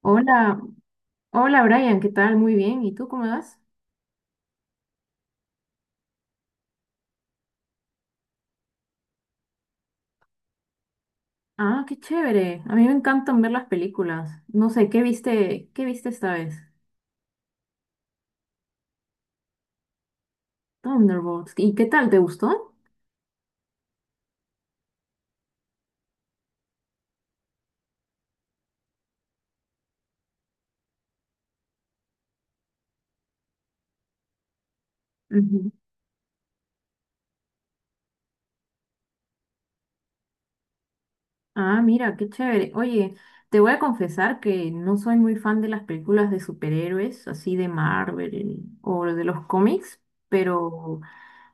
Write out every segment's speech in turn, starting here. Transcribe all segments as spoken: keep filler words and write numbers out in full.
Hola, hola Brian, ¿qué tal? Muy bien, ¿y tú cómo vas? Ah, qué chévere. A mí me encantan ver las películas. No sé, ¿qué viste? ¿Qué viste esta vez? Thunderbolts. ¿Y qué tal? ¿Te gustó? Ujú. Ah, mira, qué chévere. Oye, te voy a confesar que no soy muy fan de las películas de superhéroes, así de Marvel o de los cómics, pero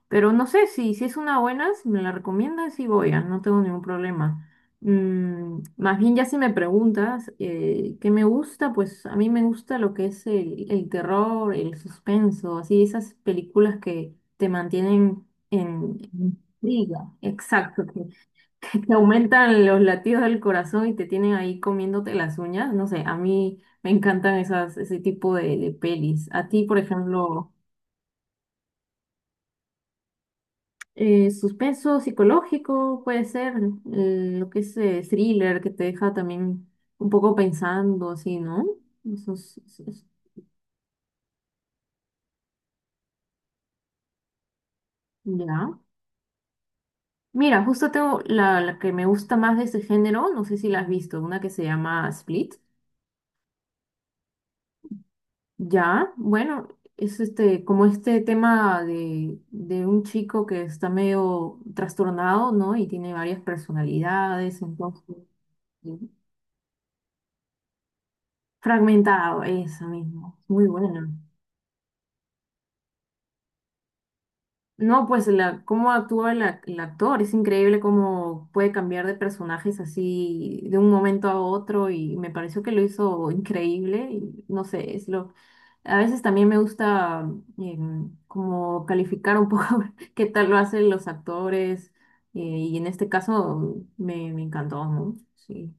Pero no sé si, si es una buena, si me la recomiendas, sí voy, ah, no tengo ningún problema. Mm, más bien ya si me preguntas eh, qué me gusta, pues a mí me gusta lo que es el, el terror, el suspenso, así esas películas que te mantienen en en intriga, exacto, que, que te aumentan los latidos del corazón y te tienen ahí comiéndote las uñas, no sé, a mí me encantan esas, ese tipo de, de pelis. A ti, por ejemplo... Eh, suspenso psicológico puede ser, eh, lo que es eh, thriller, que te deja también un poco pensando, así, ¿no? Eso es- eso es- ya. Mira, justo tengo la, la que me gusta más de este género, no sé si la has visto, una que se llama Split. Ya, bueno, es este, como este tema de, de un chico que está medio trastornado, ¿no? Y tiene varias personalidades, entonces, sí, fragmentado, eso mismo, muy buena. No, pues la, cómo actúa el, ac- el actor, es increíble cómo puede cambiar de personajes así de un momento a otro y me pareció que lo hizo increíble y no sé, es lo... A veces también me gusta em, como calificar un poco qué tal lo hacen los actores eh, y en este caso me, me encantó, ¿no? Sí.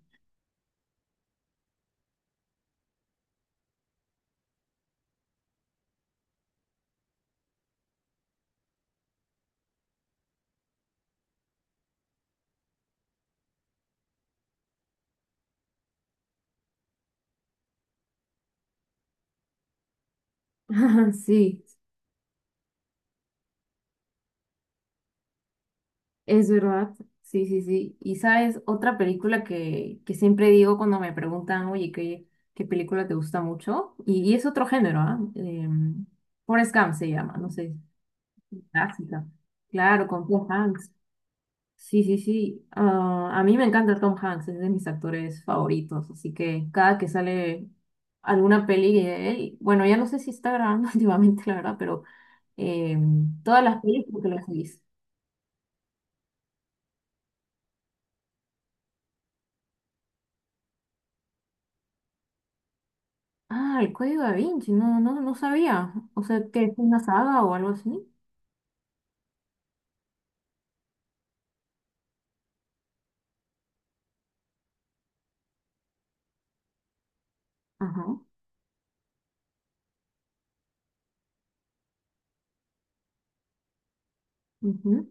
Sí. Es verdad, sí, sí, sí. Y sabes, otra película que, que siempre digo cuando me preguntan, oye, ¿qué, qué película te gusta mucho? Y, y es otro género, ¿ah? Em, Forrest Gump se llama, no sé, clásica. Claro, con Tom Hanks. Sí, sí, sí. Ah, a mí me encanta Tom Hanks, es de mis actores favoritos, así que cada que sale alguna peli de él, bueno, ya no sé si está grabando últimamente, la verdad, pero em, todas las películas que lo seguís. Ah, el código de Vinci, no, no, no sabía. O sea, que es una saga o algo así. Ajá. Ujú,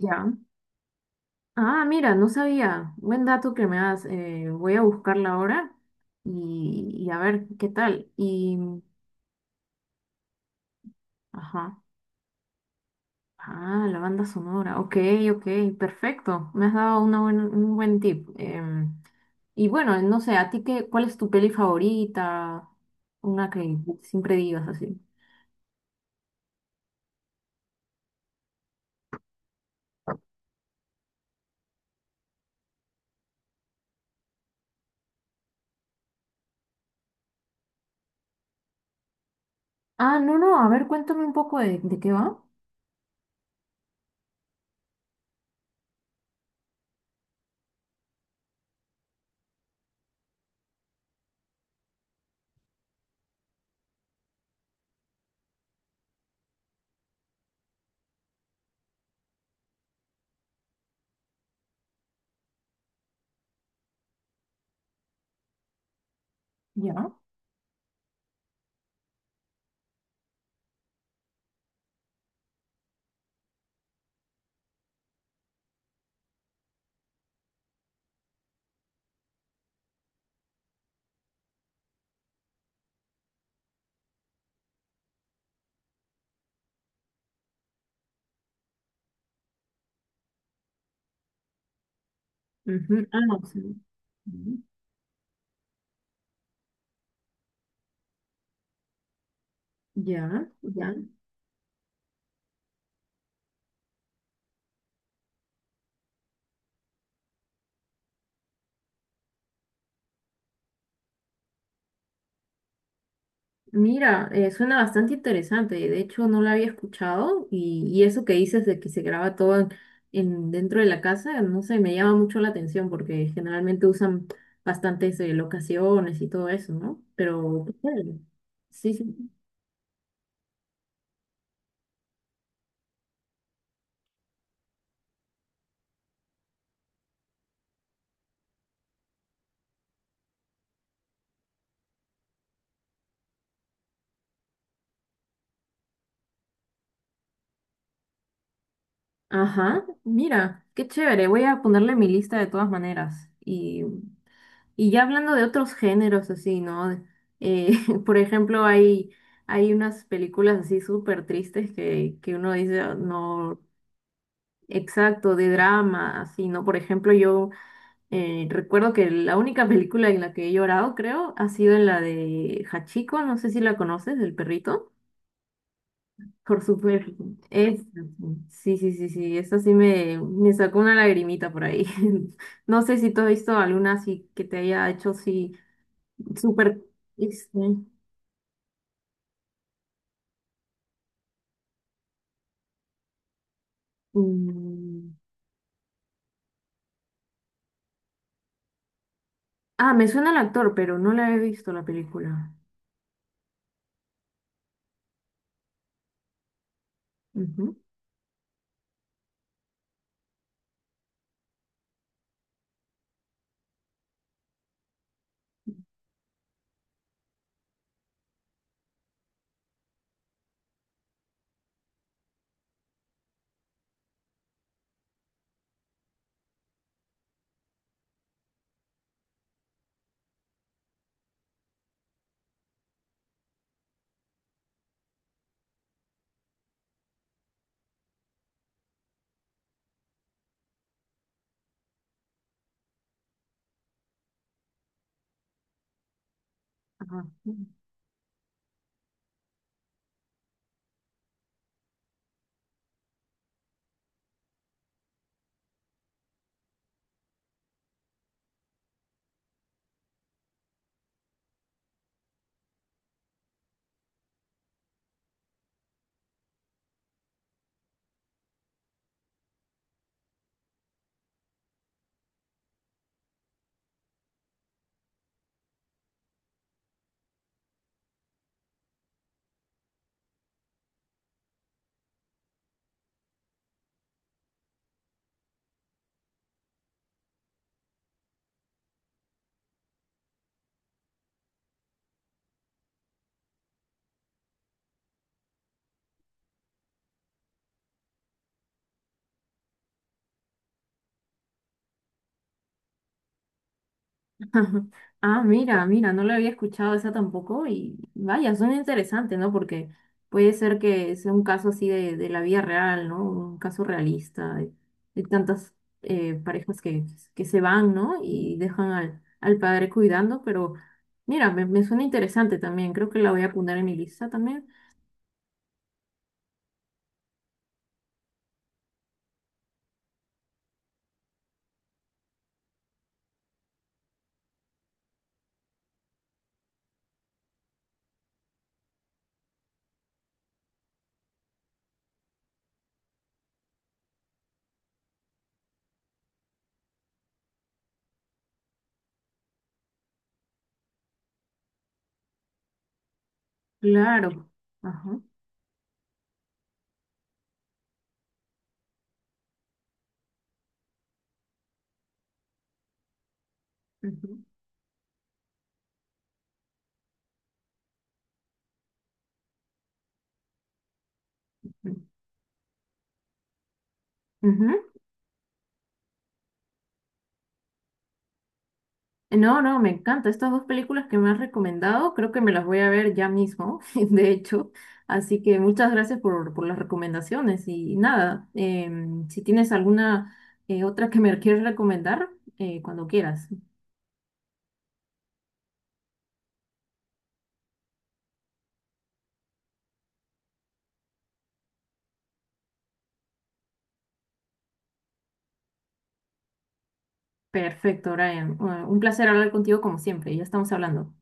ya. Ah, mira, no sabía. Buen dato que me das. eh, voy a buscarla ahora y, y a ver qué tal. Y, ajá. Ah, la banda sonora. Ok, ok, perfecto. Me has dado una buen- un buen tip. Em, y bueno, no sé, ¿a ti qué, cuál es tu peli favorita? Una que siempre digas así. Ah, no, no, a ver, cuéntame un poco de, de qué va. Ya. Ujú. Ah, no, sí. Ujú. Ya, ya. Mira, eh, suena bastante interesante. De hecho, no la había escuchado y, y eso que dices de que se graba todo en, en- dentro de la casa, no sé, me llama mucho la atención porque generalmente usan bastantes eh, locaciones y todo eso, ¿no? Pero, qué chévere. Sí, sí. Ajá, mira, qué chévere. Voy a ponerle en mi lista de todas maneras y Y ya hablando de otros géneros así, ¿no? Eh, por ejemplo, hay, hay unas películas así súper tristes que, que uno dice, "Ah, no, exacto, de drama, así, ¿no?" Por ejemplo, yo eh, recuerdo que la única película en la que he llorado, creo, ha sido en la de Hachiko, no sé si la conoces, del perrito. Por supuesto. Es, sí, sí, sí, sí, esa sí me, me sacó una lagrimita por ahí. No sé si tú has visto alguna así que te haya hecho así súper, este, mm, ah, me suena el actor, pero no la he visto la película. Ujú, ajá. Ah, mira, mira, no la había escuchado esa tampoco y vaya, suena interesante, ¿no? Porque puede ser que sea un caso así de, de la vida real, ¿no? Un caso realista de, de tantas eh, parejas que, que se van, ¿no? Y dejan al, al padre cuidando, pero mira, me, me suena interesante también, creo que la voy a poner en mi lista también. Claro. Ajá. Ujú, ujú. Ujú. No, no, me encanta. Estas dos películas que me has recomendado, creo que me las voy a ver ya mismo, de hecho. Así que muchas gracias por, por las recomendaciones. Y nada, em, si tienes alguna eh, otra que me quieres recomendar, eh, cuando quieras. Perfecto, Brian. Bueno, un placer hablar contigo como siempre. Ya estamos hablando.